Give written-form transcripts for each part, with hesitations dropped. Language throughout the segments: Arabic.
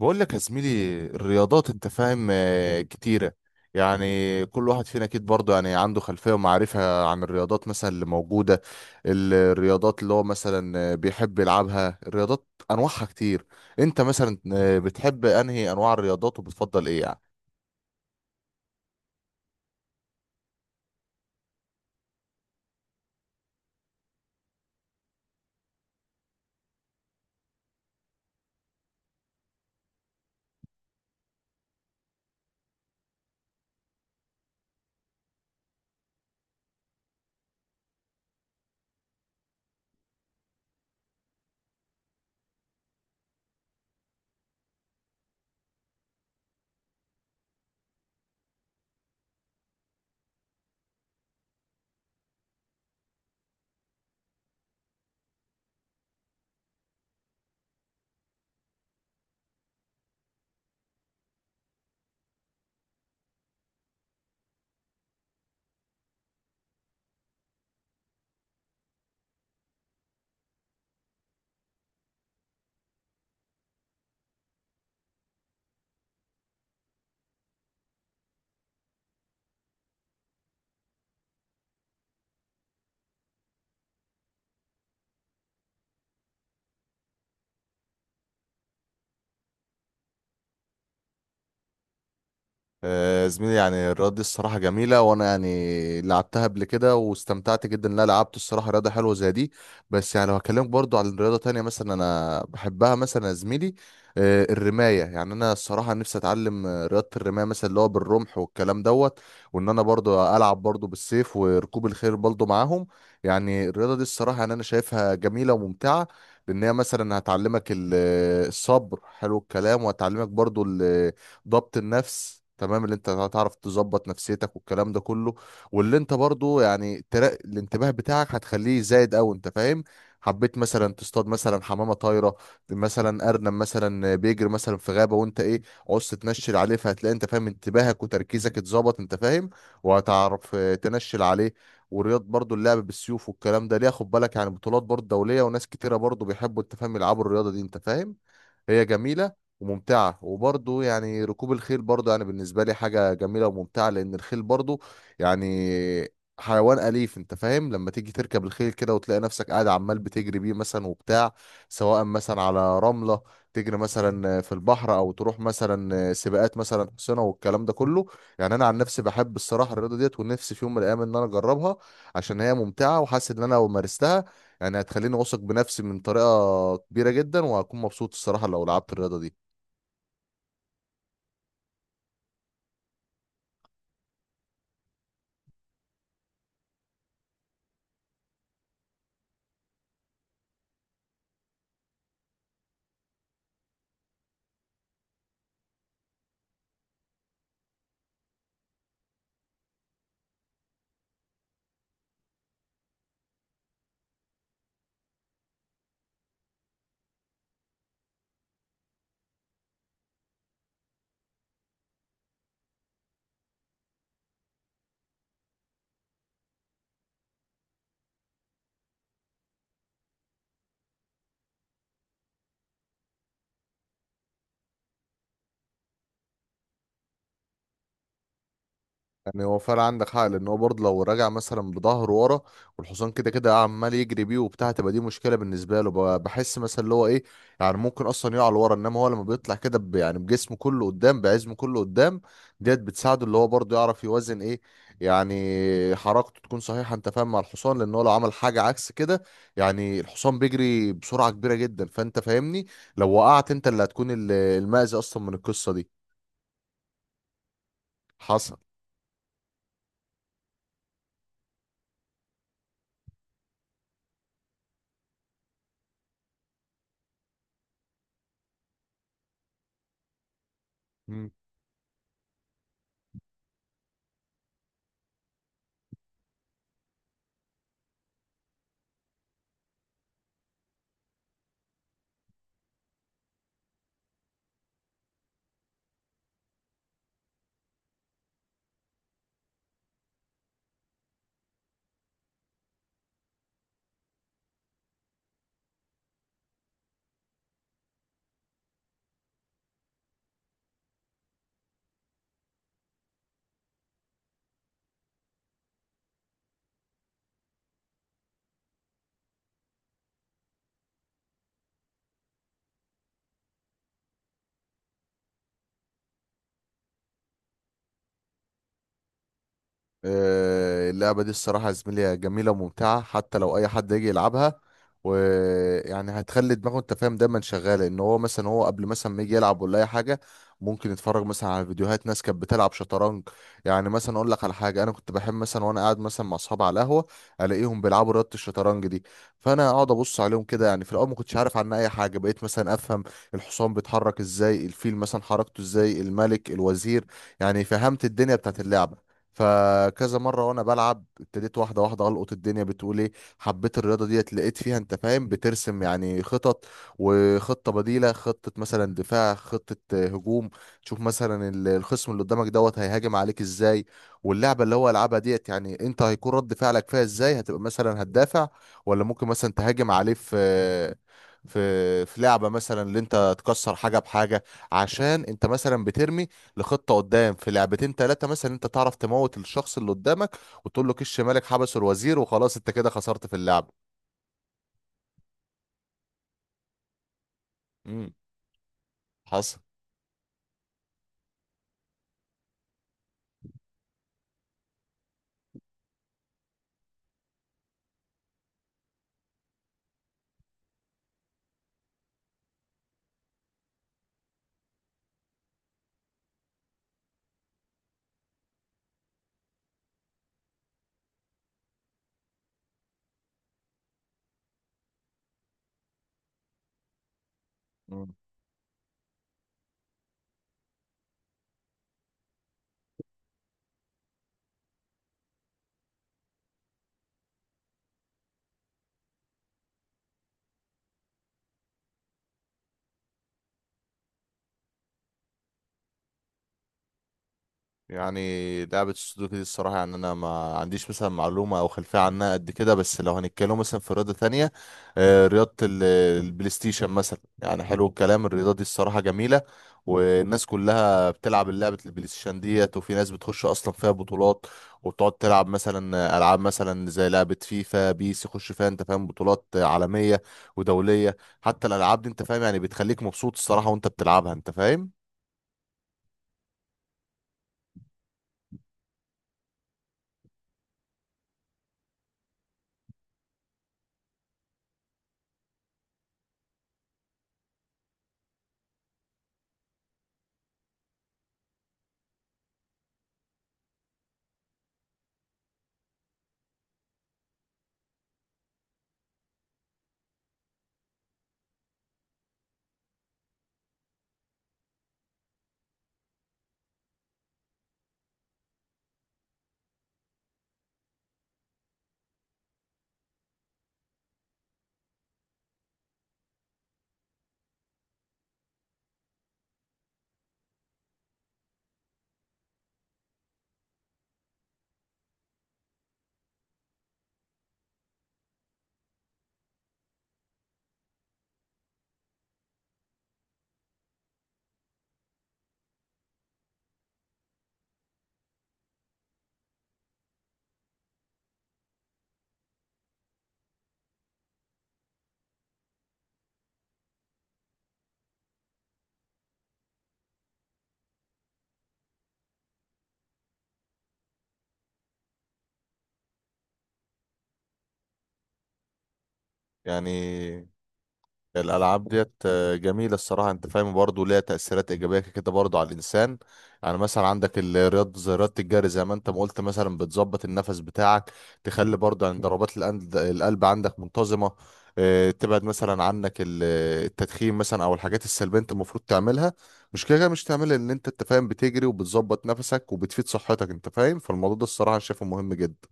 بقول لك يا زميلي، الرياضات انت فاهم، كتيرة. يعني كل واحد فينا اكيد برضه يعني عنده خلفية ومعرفة عن الرياضات مثلا اللي موجودة. الرياضات اللي هو مثلا بيحب يلعبها، الرياضات انواعها كتير. انت مثلا بتحب انهي انواع الرياضات وبتفضل ايه يعني؟ زميلي، يعني الرياضة دي الصراحة جميلة، وأنا يعني لعبتها قبل كده واستمتعت جدا إن أنا لعبت الصراحة رياضة حلوة زي دي. بس يعني لو هكلمك برضو عن رياضة تانية مثلا أنا بحبها مثلا يا زميلي، الرماية، يعني أنا الصراحة نفسي أتعلم رياضة الرماية مثلا اللي هو بالرمح والكلام دوت. وإن أنا برضو ألعب برضو بالسيف وركوب الخيل برضو معاهم. يعني الرياضة دي الصراحة يعني أنا شايفها جميلة وممتعة، لأن هي مثلا هتعلمك الصبر، حلو الكلام، وهتعلمك برضو ضبط النفس، تمام، اللي انت هتعرف تظبط نفسيتك والكلام ده كله. واللي انت برضو يعني الانتباه بتاعك هتخليه زايد قوي، انت فاهم، حبيت مثلا تصطاد مثلا حمامه طايره، مثلا ارنب مثلا بيجري مثلا في غابه وانت ايه، عوزت تنشل عليه، فهتلاقي انت فاهم انتباهك وتركيزك اتظبط، انت فاهم، وهتعرف تنشل عليه. ورياض برضو اللعب بالسيوف والكلام ده ليه، خد بالك، يعني بطولات برضو دولية وناس كتيرة برضو بيحبوا انت فاهم يلعبوا الرياضة دي، انت فاهم، هي جميلة وممتعة. وبرضه يعني ركوب الخيل برضه يعني بالنسبة لي حاجة جميلة وممتعة، لأن الخيل برضه يعني حيوان أليف، أنت فاهم، لما تيجي تركب الخيل كده وتلاقي نفسك قاعد عمال بتجري بيه مثلا وبتاع، سواء مثلا على رملة تجري مثلا في البحر، أو تروح مثلا سباقات مثلا حصينة والكلام ده كله. يعني أنا عن نفسي بحب الصراحة الرياضة ديت، ونفسي في يوم من الأيام إن أنا أجربها، عشان هي ممتعة وحاسس إن أنا لو مارستها يعني هتخليني واثق بنفسي من طريقة كبيرة جدا، وهكون مبسوط الصراحة لو لعبت الرياضة دي. يعني هو فعلا عندك حق، لان هو برضه لو راجع مثلا بظهره ورا والحصان كده كده عمال يجري بيه وبتاع، تبقى دي مشكله بالنسبه له، بحس مثلا اللي هو ايه، يعني ممكن اصلا يقع لورا، انما هو لما بيطلع كده يعني بجسمه كله قدام بعزمه كله قدام، ديت بتساعده اللي هو برضه يعرف يوزن ايه، يعني حركته تكون صحيحه انت فاهم مع الحصان، لان هو لو عمل حاجه عكس كده، يعني الحصان بيجري بسرعه كبيره جدا، فانت فاهمني، لو وقعت انت اللي هتكون المأذي اصلا من القصه دي. حصل. اللعبة دي الصراحة يا زميلي جميلة وممتعة، حتى لو أي حد يجي يلعبها، ويعني هتخلي دماغه أنت فاهم دايما شغالة، إن هو مثلا هو قبل مثلا ما يجي يلعب ولا أي حاجة، ممكن يتفرج مثلا على فيديوهات ناس كانت بتلعب شطرنج. يعني مثلا أقول لك على حاجة، أنا كنت بحب مثلا وأنا قاعد مثلا مع أصحابي على القهوة ألاقيهم بيلعبوا رياضة الشطرنج دي، فأنا أقعد أبص عليهم كده، يعني في الأول ما كنتش عارف عنها أي حاجة، بقيت مثلا أفهم الحصان بيتحرك إزاي، الفيل مثلا حركته إزاي، الملك، الوزير، يعني فهمت الدنيا بتاعت اللعبة. فكذا مره وانا بلعب ابتديت واحده واحده القط الدنيا بتقول ايه، حبيت الرياضه ديت، لقيت فيها انت فاهم بترسم يعني خطط، وخطه بديله، خطه مثلا دفاع، خطه هجوم. تشوف مثلا الخصم اللي قدامك دوت هيهاجم عليك ازاي، واللعبه اللي هو يلعبها ديت يعني انت هيكون رد فعلك فيها ازاي، هتبقى مثلا هتدافع، ولا ممكن مثلا تهاجم عليه في لعبه مثلا اللي انت تكسر حاجه بحاجه، عشان انت مثلا بترمي لخطه قدام في لعبتين ثلاثه مثلا انت تعرف تموت الشخص اللي قدامك، وتقول له كش مالك، حبسه الوزير، وخلاص انت كده خسرت في اللعبه. امم. حصل. يعني لعبة السودوكو دي الصراحة يعني أنا ما عنديش مثلا معلومة أو خلفية عنها قد كده. بس لو هنتكلم مثلا في رياضة تانية، رياضة البلاي ستيشن مثلا، يعني حلو الكلام، الرياضة دي الصراحة جميلة، والناس كلها بتلعب لعبة البلاي ستيشن ديت، وفي ناس بتخش أصلا فيها بطولات وبتقعد تلعب مثلا ألعاب مثلا زي لعبة فيفا بيس، يخش فيها أنت فاهم بطولات عالمية ودولية. حتى الألعاب دي أنت فاهم يعني بتخليك مبسوط الصراحة وأنت بتلعبها، أنت فاهم. يعني الالعاب ديت جميله الصراحه، انت فاهم، برضه ليها تاثيرات ايجابيه كده برضه على الانسان. يعني مثلا عندك رياضه زي رياضه الجري، زي ما انت ما قلت، مثلا بتظبط النفس بتاعك، تخلي برضه عند ضربات القلب عندك منتظمه، تبعد مثلا عنك التدخين مثلا او الحاجات السلبيه انت المفروض تعملها. مش كده كده مش تعملها، ان انت فاهم بتجري وبتظبط نفسك وبتفيد صحتك، انت فاهم، فالموضوع ده الصراحه أنا شايفه مهم جدا.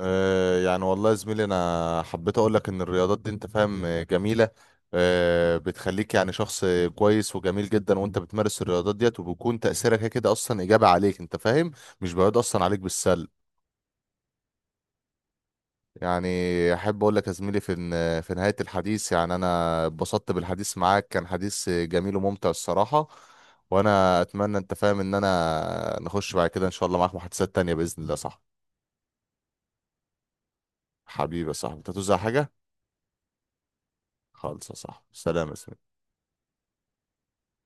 يعني والله يا زميلي، انا حبيت اقول لك ان الرياضات دي انت فاهم جميله، بتخليك يعني شخص كويس وجميل جدا، وانت بتمارس الرياضات ديت وبيكون تاثيرك كده كده اصلا ايجابي عليك، انت فاهم، مش بيعود اصلا عليك بالسلب. يعني احب اقول لك يا زميلي في في نهايه الحديث، يعني انا اتبسطت بالحديث معاك، كان حديث جميل وممتع الصراحه، وانا اتمنى انت فاهم ان انا نخش بعد كده ان شاء الله معاك محادثات تانية باذن الله، صح. حبيبي يا صاحبي، انت هتوزع حاجه؟ خالص يا صاحبي، سلام يا زميلي.